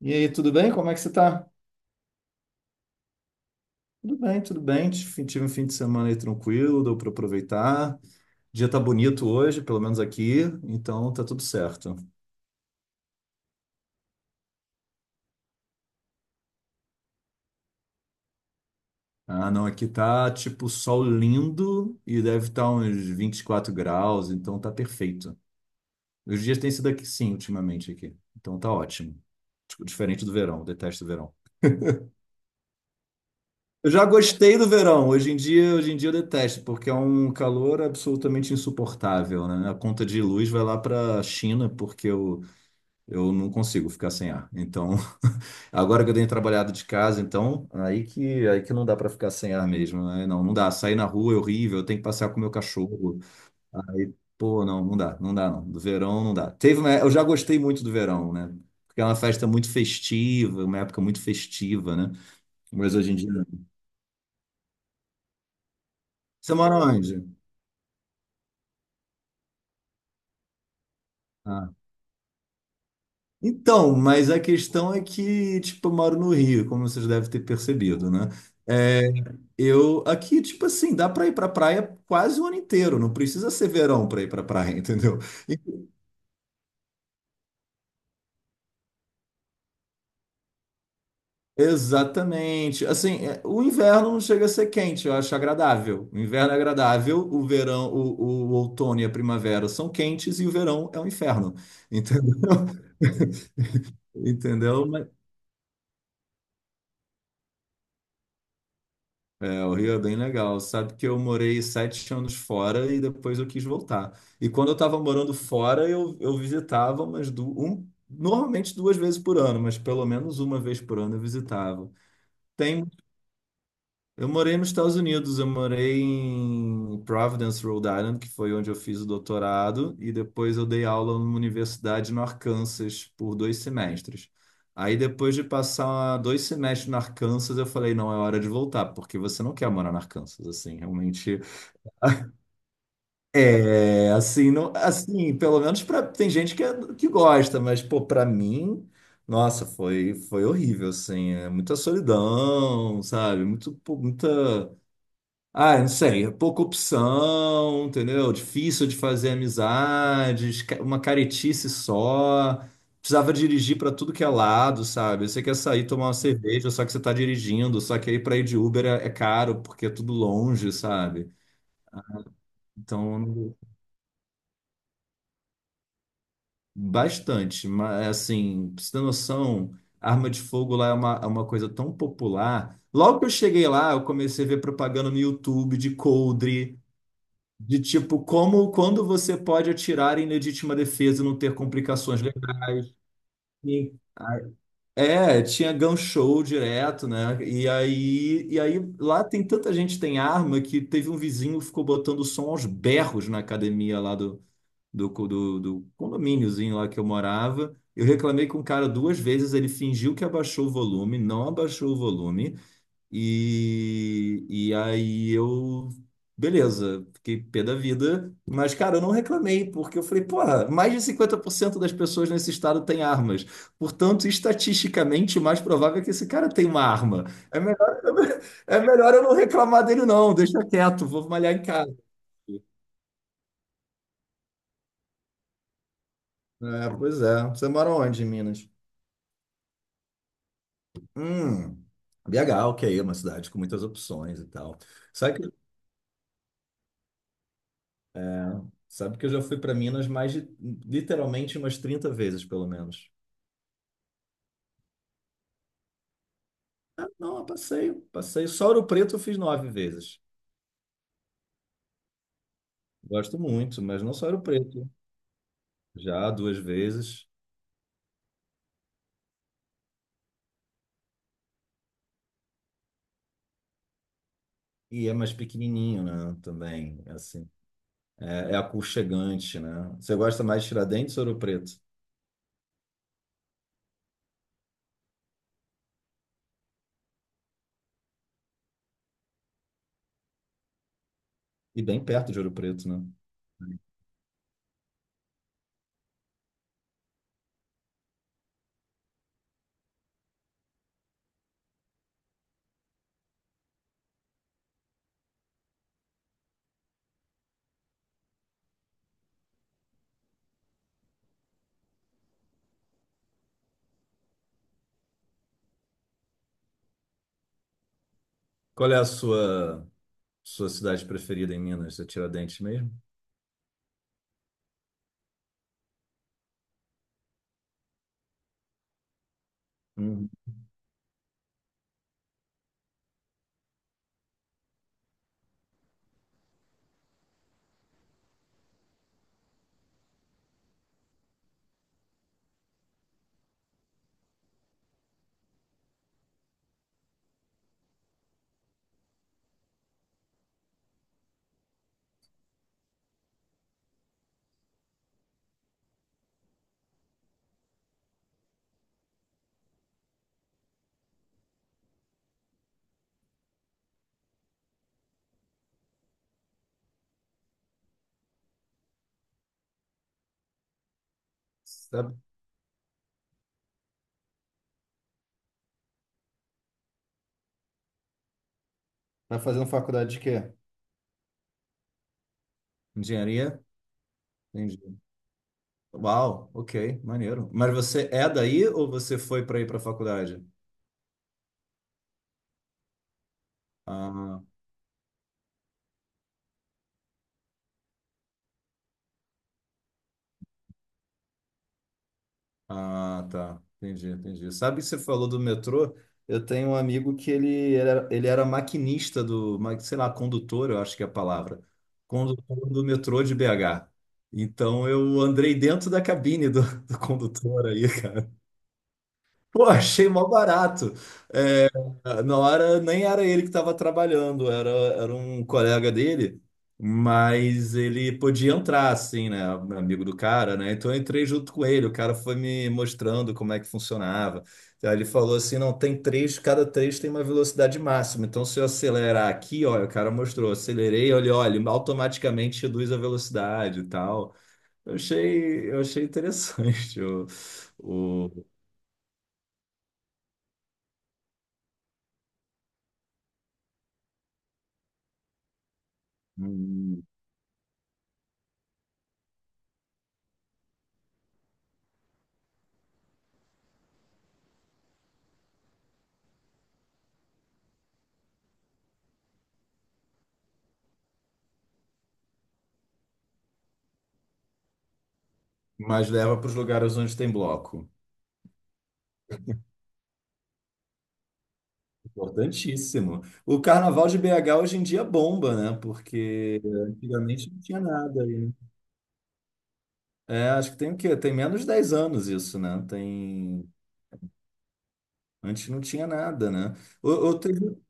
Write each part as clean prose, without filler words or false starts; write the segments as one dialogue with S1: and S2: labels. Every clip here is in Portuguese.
S1: E aí, tudo bem? Como é que você tá? Tudo bem, tudo bem. Tive um fim de semana aí tranquilo, deu para aproveitar. O dia tá bonito hoje, pelo menos aqui, então tá tudo certo. Ah, não, aqui tá tipo sol lindo e deve estar uns 24 graus, então tá perfeito. Os dias têm sido aqui sim, ultimamente aqui. Então tá ótimo. Tipo, diferente do verão, detesto o verão. Eu já gostei do verão. Hoje em dia eu detesto, porque é um calor absolutamente insuportável, né? A conta de luz vai lá para a China. Porque o Eu não consigo ficar sem ar. Então, agora que eu tenho trabalhado de casa, então, aí que não dá para ficar sem ar mesmo, né? Não, não dá. Sair na rua é horrível, eu tenho que passear com o meu cachorro. Aí, pô, não, não dá, não dá, não. Do verão não dá. Eu já gostei muito do verão, né? Porque é uma festa muito festiva, uma época muito festiva, né? Mas hoje em dia não. Você mora onde? Ah. Então, mas a questão é que, tipo, eu moro no Rio, como vocês devem ter percebido, né? É, eu aqui, tipo assim, dá pra ir pra praia quase o ano inteiro, não precisa ser verão pra ir pra praia, entendeu? E- Exatamente. Assim, é, o inverno não chega a ser quente, eu acho agradável. O inverno é agradável, o verão, o outono e a primavera são quentes e o verão é um inferno, entendeu? Entendeu? É, o Rio é bem legal. Sabe que eu morei 7 anos fora e depois eu quis voltar. E quando eu estava morando fora, eu visitava normalmente 2 vezes por ano, mas pelo menos uma vez por ano eu visitava. Tem Eu morei nos Estados Unidos, eu morei em Providence, Rhode Island, que foi onde eu fiz o doutorado, e depois eu dei aula numa universidade no Arkansas por 2 semestres. Aí depois de passar 2 semestres no Arkansas, eu falei, não, é hora de voltar, porque você não quer morar no Arkansas, assim, realmente. É, assim, não, assim, pelo menos pra, tem gente que, que gosta, mas, pô, pra mim, nossa, foi horrível, assim, é muita solidão, sabe? Muito, pô, muita. Ah, não sei, é pouca opção, entendeu? Difícil de fazer amizades, uma caretice só. Precisava dirigir para tudo que é lado, sabe? Você quer sair tomar uma cerveja, só que você tá dirigindo, só que aí para ir de Uber é caro, porque é tudo longe, sabe? Então, bastante, mas assim, pra você ter noção, arma de fogo lá é uma coisa tão popular. Logo que eu cheguei lá, eu comecei a ver propaganda no YouTube de coldre. De tipo, como, quando você pode atirar em legítima defesa e não ter complicações legais. E- É, tinha gun show direto, né? E aí, lá tem tanta gente que tem arma que teve um vizinho que ficou botando som aos berros na academia lá do condomíniozinho lá que eu morava. Eu reclamei com o cara 2 vezes, ele fingiu que abaixou o volume, não abaixou o volume. E aí beleza, fiquei pé da vida, mas cara, eu não reclamei, porque eu falei, porra, mais de 50% das pessoas nesse estado têm armas. Portanto, estatisticamente, o mais provável é que esse cara tenha uma arma. É melhor, é melhor eu não reclamar dele, não, deixa quieto, vou malhar em casa. É, pois é. Você mora onde, em Minas? Hum, BH, ok, é uma cidade com muitas opções e tal. Sabe que Sabe que eu já fui para Minas mais de, literalmente umas 30 vezes, pelo menos. Ah, não, eu passeio, passeio. Só Ouro Preto eu fiz 9 vezes. Gosto muito, mas não só Ouro Preto. Já 2 vezes. E é mais pequenininho, né? Também, assim. É aconchegante, né? Você gosta mais de Tiradentes ou Ouro Preto? E bem perto de Ouro Preto, né? Qual é a sua cidade preferida em Minas? É Tiradentes mesmo? Hum. Sabe? Tá fazendo faculdade de quê? Engenharia? Entendi. Uau, ok, maneiro. Mas você é daí ou você foi para ir para a faculdade? Ah, ah, tá. Entendi, entendi. Sabe que você falou do metrô? Eu tenho um amigo que ele era maquinista sei lá, condutor, eu acho que é a palavra. Condutor do metrô de BH. Então eu andei dentro da cabine do condutor aí. Pô, achei mó barato. Ah, não era, nem era ele que estava trabalhando, era um colega dele, mas ele podia entrar, assim, né? Amigo do cara, né? Então eu entrei junto com ele, o cara foi me mostrando como é que funcionava. Aí ele falou assim: não, tem três, cada três tem uma velocidade máxima. Então, se eu acelerar aqui, olha, o cara mostrou, acelerei, olha, olha, ele automaticamente reduz a velocidade e tal. Eu achei interessante o, hum, mas leva para os lugares onde tem bloco. Importantíssimo. O carnaval de BH hoje em dia bomba, né? Porque antigamente não tinha nada aí, né? É, acho que tem o quê? Tem menos de 10 anos isso, né? Antes não tinha nada, né? Eu ou teve... um,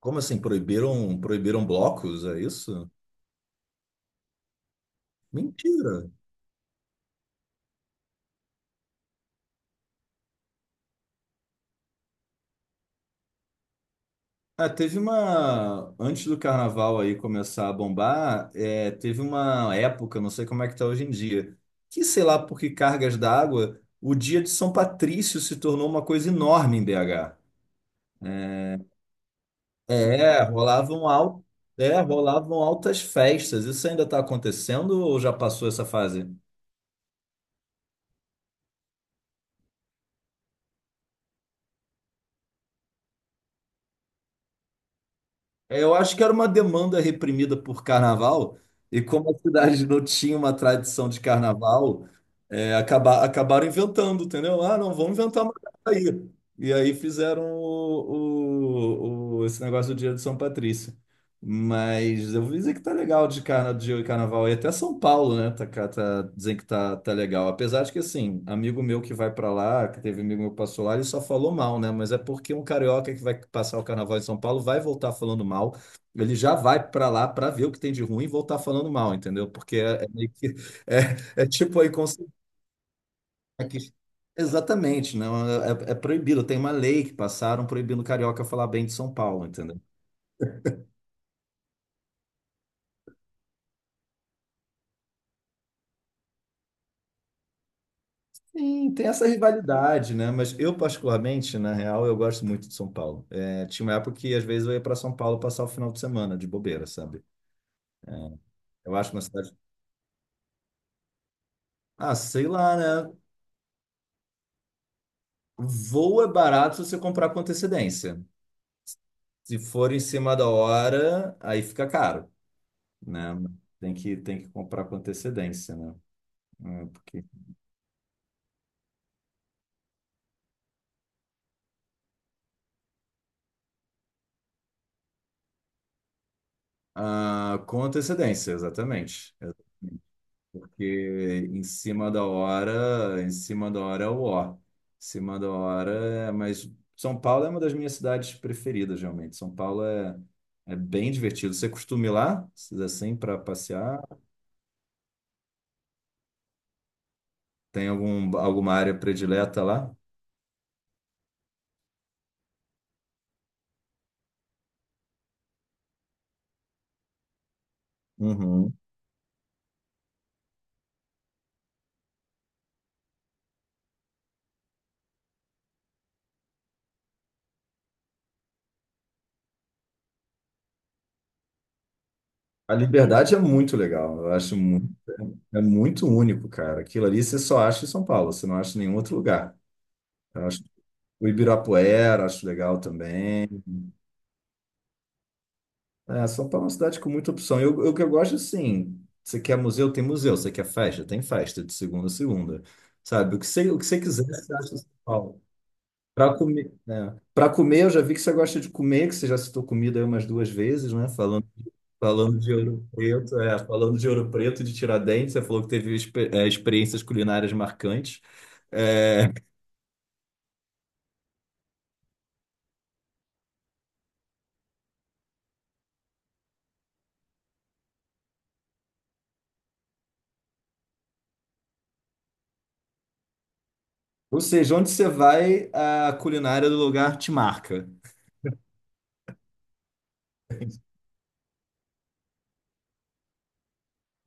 S1: Como assim? Proibiram blocos? É isso? Mentira! Ah, antes do carnaval aí começar a bombar, é, teve uma época, não sei como é que tá hoje em dia, que sei lá por que cargas d'água, o dia de São Patrício se tornou uma coisa enorme em BH. É, rolavam al... Rolavam altas festas. Isso ainda está acontecendo ou já passou essa fase? É, eu acho que era uma demanda reprimida por carnaval, e como a cidade não tinha uma tradição de carnaval, acabaram inventando, entendeu? Ah, não, vamos inventar uma data aí. E aí fizeram esse negócio do Dia de São Patrício. Mas eu vou dizer que tá legal de carnaval. E até São Paulo, né? Tá, dizem que tá legal. Apesar de que, assim, amigo meu que vai pra lá, que teve amigo meu que passou lá, ele só falou mal, né? Mas é porque um carioca que vai passar o carnaval em São Paulo vai voltar falando mal. Ele já vai pra lá pra ver o que tem de ruim e voltar falando mal, entendeu? Porque é tipo aí consciente. Exatamente, não é, é proibido. Tem uma lei que passaram proibindo carioca falar bem de São Paulo, entendeu? Sim, tem essa rivalidade, né? Mas eu, particularmente, na real, eu gosto muito de São Paulo. É, tinha uma época que, às vezes, eu ia para São Paulo passar o final de semana de bobeira, sabe? Eu acho uma cidade. Ah, sei lá, né? Voo é barato se você comprar com antecedência. Se for em cima da hora, aí fica caro, né? Tem que comprar com antecedência, né? É, porque... Ah, com antecedência, exatamente. Porque em cima da hora, em cima da hora é o ó. Em cima da hora é. Mas São Paulo é uma das minhas cidades preferidas, realmente. São Paulo é bem divertido. Você costuma ir lá, assim, para passear? Tem algum, alguma área predileta lá? Uhum. A Liberdade é muito legal. Eu acho muito, é muito único, cara. Aquilo ali você só acha em São Paulo, você não acha em nenhum outro lugar. Eu acho o Ibirapuera, acho legal também. É, São Paulo é uma cidade com muita opção. Eu que eu gosto, assim, você quer museu, tem museu. Você quer festa, tem festa, de segunda a segunda. Sabe, o que você quiser, você acha em São Paulo. Para comer, né? Para comer, eu já vi que você gosta de comer, que você já citou comida aí umas 2 vezes, né? Falando de Ouro Preto, é, falando de Ouro Preto e de Tiradentes, você falou que teve experiências culinárias marcantes. É, ou seja, onde você vai, a culinária do lugar te marca.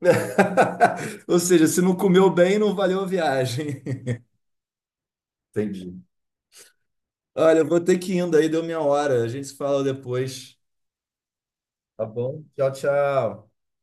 S1: Ou seja, se não comeu bem, não valeu a viagem. Entendi. Olha, eu vou ter que ir indo aí, deu minha hora. A gente se fala depois. Tá bom? Tchau, tchau.